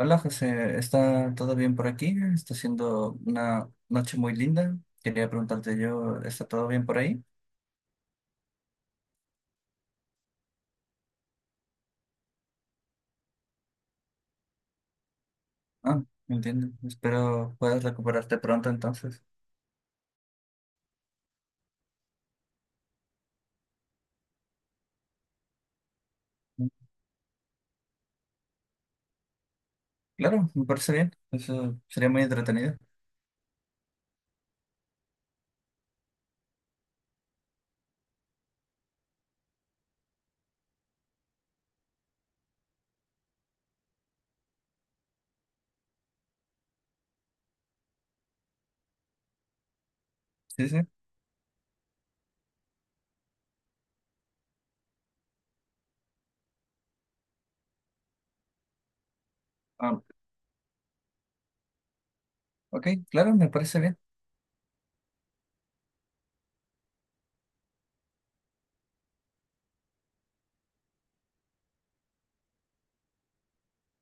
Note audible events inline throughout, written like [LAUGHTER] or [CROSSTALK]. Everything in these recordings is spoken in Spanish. Hola José, ¿está todo bien por aquí? Está siendo una noche muy linda. Quería preguntarte yo, ¿está todo bien por ahí? Ah, entiendo. Espero puedas recuperarte pronto entonces. Mm. Claro, me parece bien. Eso sería muy entretenido. Sí, sí. Ah, ok, claro, me parece bien.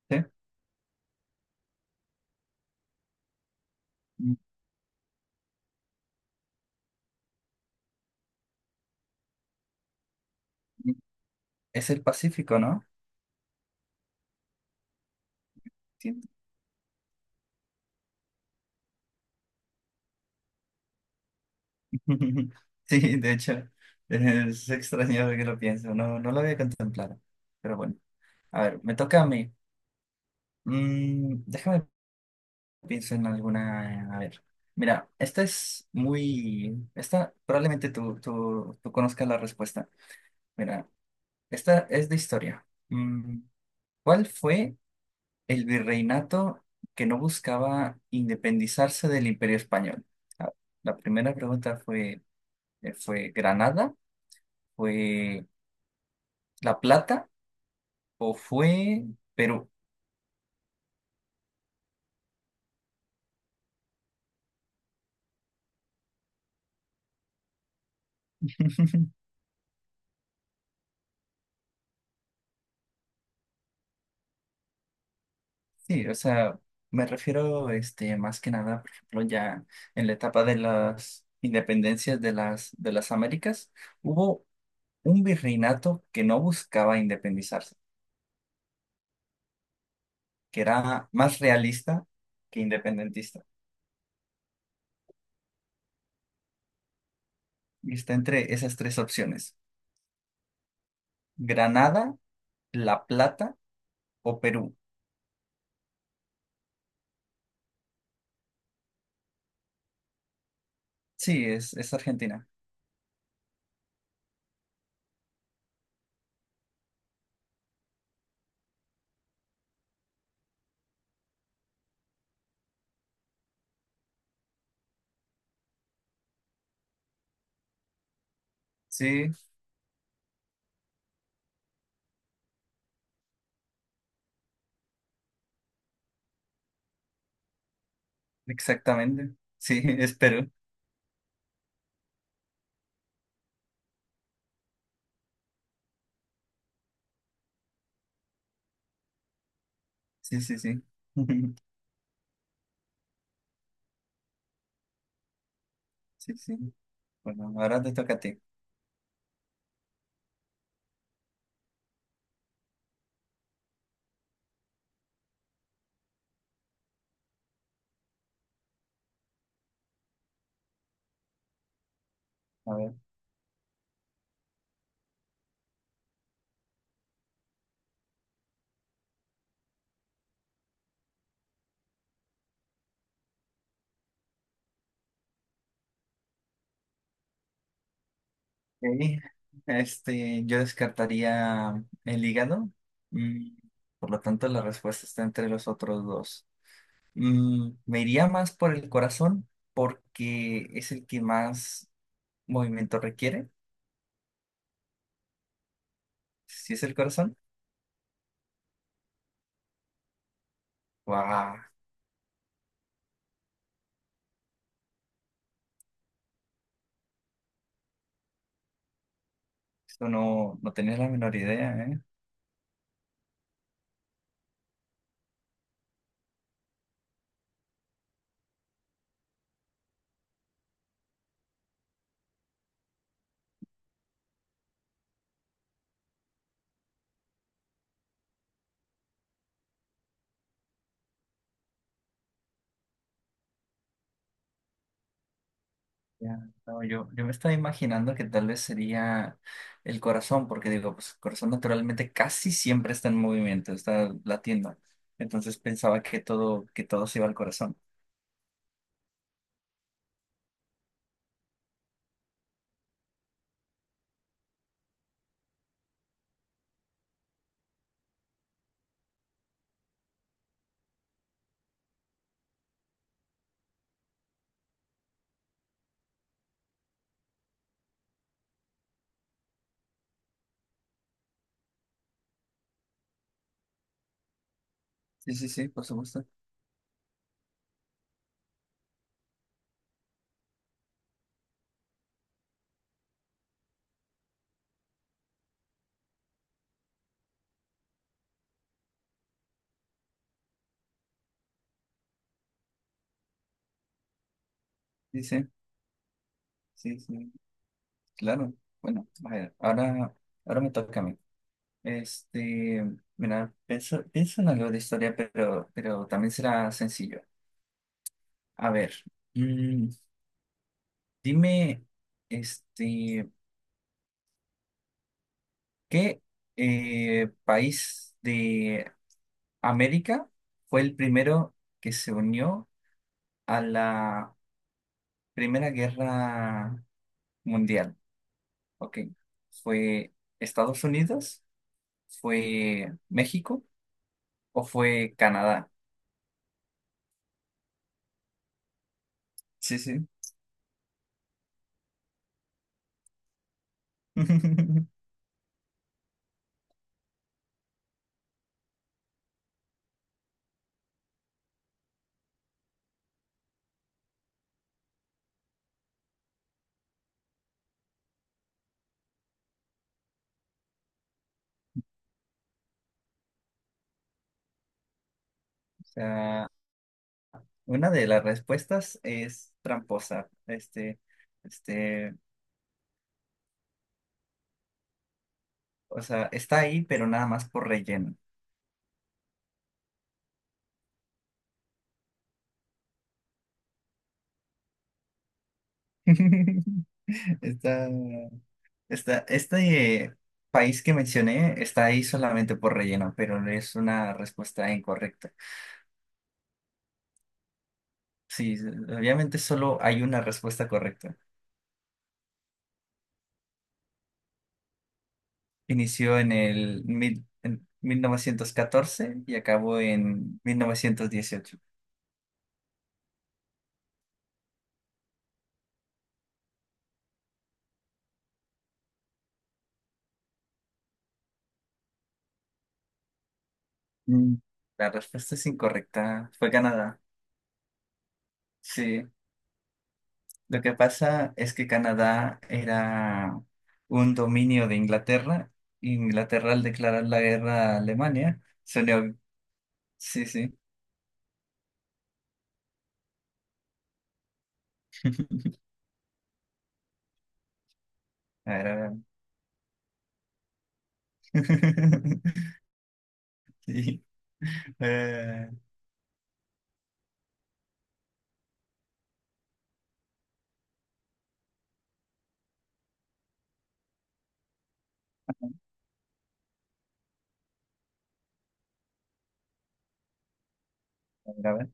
Sí. Mm, mm. Es el Pacífico, ¿no? Sí. [LAUGHS] Sí, de hecho, es extraño que lo pienso. No, no lo había contemplado. Pero bueno, a ver, me toca a mí. Déjame. Pienso en alguna. A ver. Mira, esta es muy. Esta probablemente tú conozcas la respuesta. Mira, esta es de historia. ¿Cuál fue el virreinato que no buscaba independizarse del Imperio Español? Ah, La primera pregunta fue: ¿fue Granada? ¿Fue La Plata? ¿O fue Perú? [LAUGHS] Sí, o sea, me refiero este, más que nada, por ejemplo, ya en la etapa de las independencias de de las Américas, hubo un virreinato que no buscaba independizarse, que era más realista que independentista. Y está entre esas tres opciones: Granada, La Plata o Perú. Sí, es Argentina. Sí, exactamente. Sí, [LAUGHS] es Perú. Sí, sí, sí. [LAUGHS] Sí, sí. Bueno, ahora te toca a ti. A ver. Ok, este, yo descartaría el hígado. Mm, Por lo tanto, la respuesta está entre los otros dos. Me iría más por el corazón porque es el que más movimiento requiere. Si es el corazón, wow. Eso no, no tenía la menor idea, eh. Ya, no, yo me estaba imaginando que tal vez sería el corazón, porque digo, pues el corazón naturalmente casi siempre está en movimiento, está latiendo. Entonces pensaba que todo se iba al corazón. Sí, sí, sí, por supuesto. Sí, sí, sí, sí, claro. Bueno, a ver, ahora, ahora me toca a mí. Este, mira, pienso, pienso en algo de historia, pero también será sencillo. A ver, mm, dime, este. ¿Qué país de América fue el primero que se unió a la Primera Guerra Mundial? Ok. ¿Fue Estados Unidos? ¿Fue México? ¿O fue Canadá? Sí, sí. [LAUGHS] O sea, una de las respuestas es tramposa. Este, o sea, está ahí, pero nada más por relleno. [LAUGHS] Está. Este país que mencioné está ahí solamente por relleno, pero no es una respuesta incorrecta. Sí, obviamente solo hay una respuesta correcta. Inició en 1914 y acabó en 1918. Mm. La respuesta es incorrecta. Fue Canadá. Sí. Lo que pasa es que Canadá era un dominio de Inglaterra. Inglaterra al declarar la guerra a Alemania se unió. Sí, sí. [LAUGHS] Era... [LAUGHS] Sí. Eh, a ver, a ver.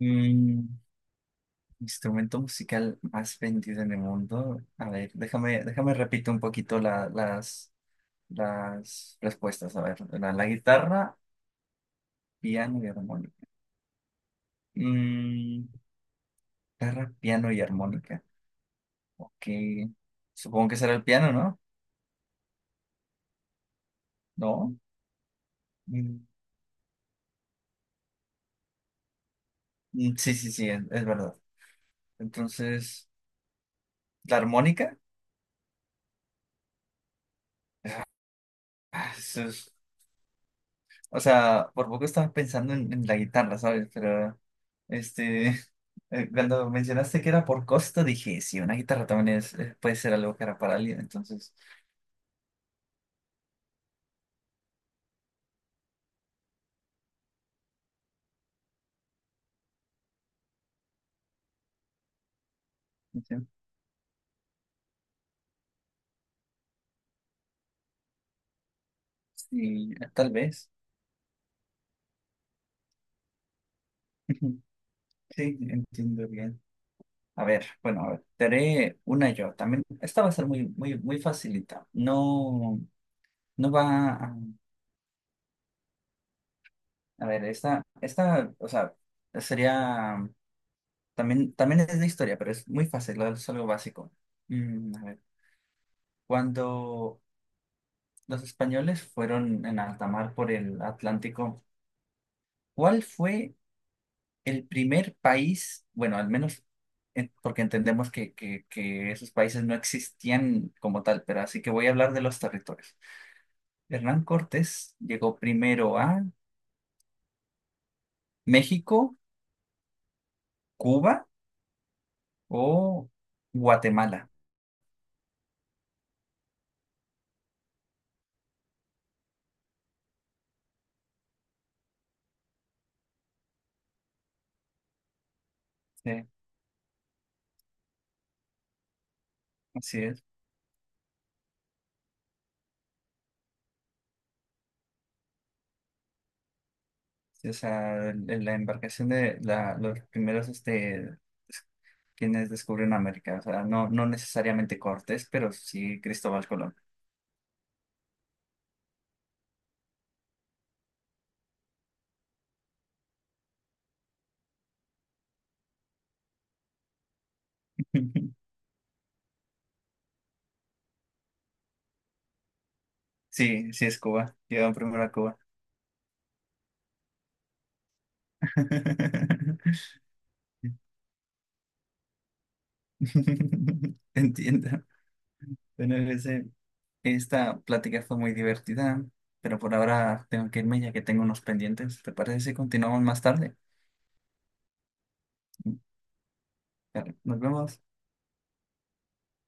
Mm, instrumento musical más vendido en el mundo. A ver, déjame repito un poquito las respuestas. A ver, la guitarra, piano y armónica. Mm, guitarra, piano y armónica. Ok. Supongo que será el piano, ¿no? ¿No? Mm, sí, sí, sí, es verdad. Entonces, ¿la armónica? O sea, por poco estaba pensando en la guitarra, ¿sabes? Pero, este, [LAUGHS] cuando mencionaste que era por costo, dije, sí, una guitarra también es, puede ser algo que era para alguien, entonces, dije, sí, tal vez. [LAUGHS] Sí, entiendo bien. A ver, bueno, a ver, te haré una yo. También, esta va a ser muy, muy, muy facilita. No, no va a, a ver, esta, o sea, sería, también, también es de historia, pero es muy fácil, es algo básico. A ver. Cuando los españoles fueron en alta mar por el Atlántico, ¿cuál fue el primer país, bueno, al menos en- porque entendemos que, que esos países no existían como tal, pero así que voy a hablar de los territorios? Hernán Cortés llegó primero a México, Cuba o Guatemala. Sí, así es. Sí. O sea, la embarcación de los primeros este, quienes descubren América. O sea, no, no necesariamente Cortés, pero sí Cristóbal Colón. [LAUGHS] Sí, sí es Cuba. Llegaron primero a Cuba. [LAUGHS] Entiendo. Bueno, esta plática fue muy divertida, pero por ahora tengo que irme ya que tengo unos pendientes. ¿Te parece si continuamos más tarde? Vale, nos vemos.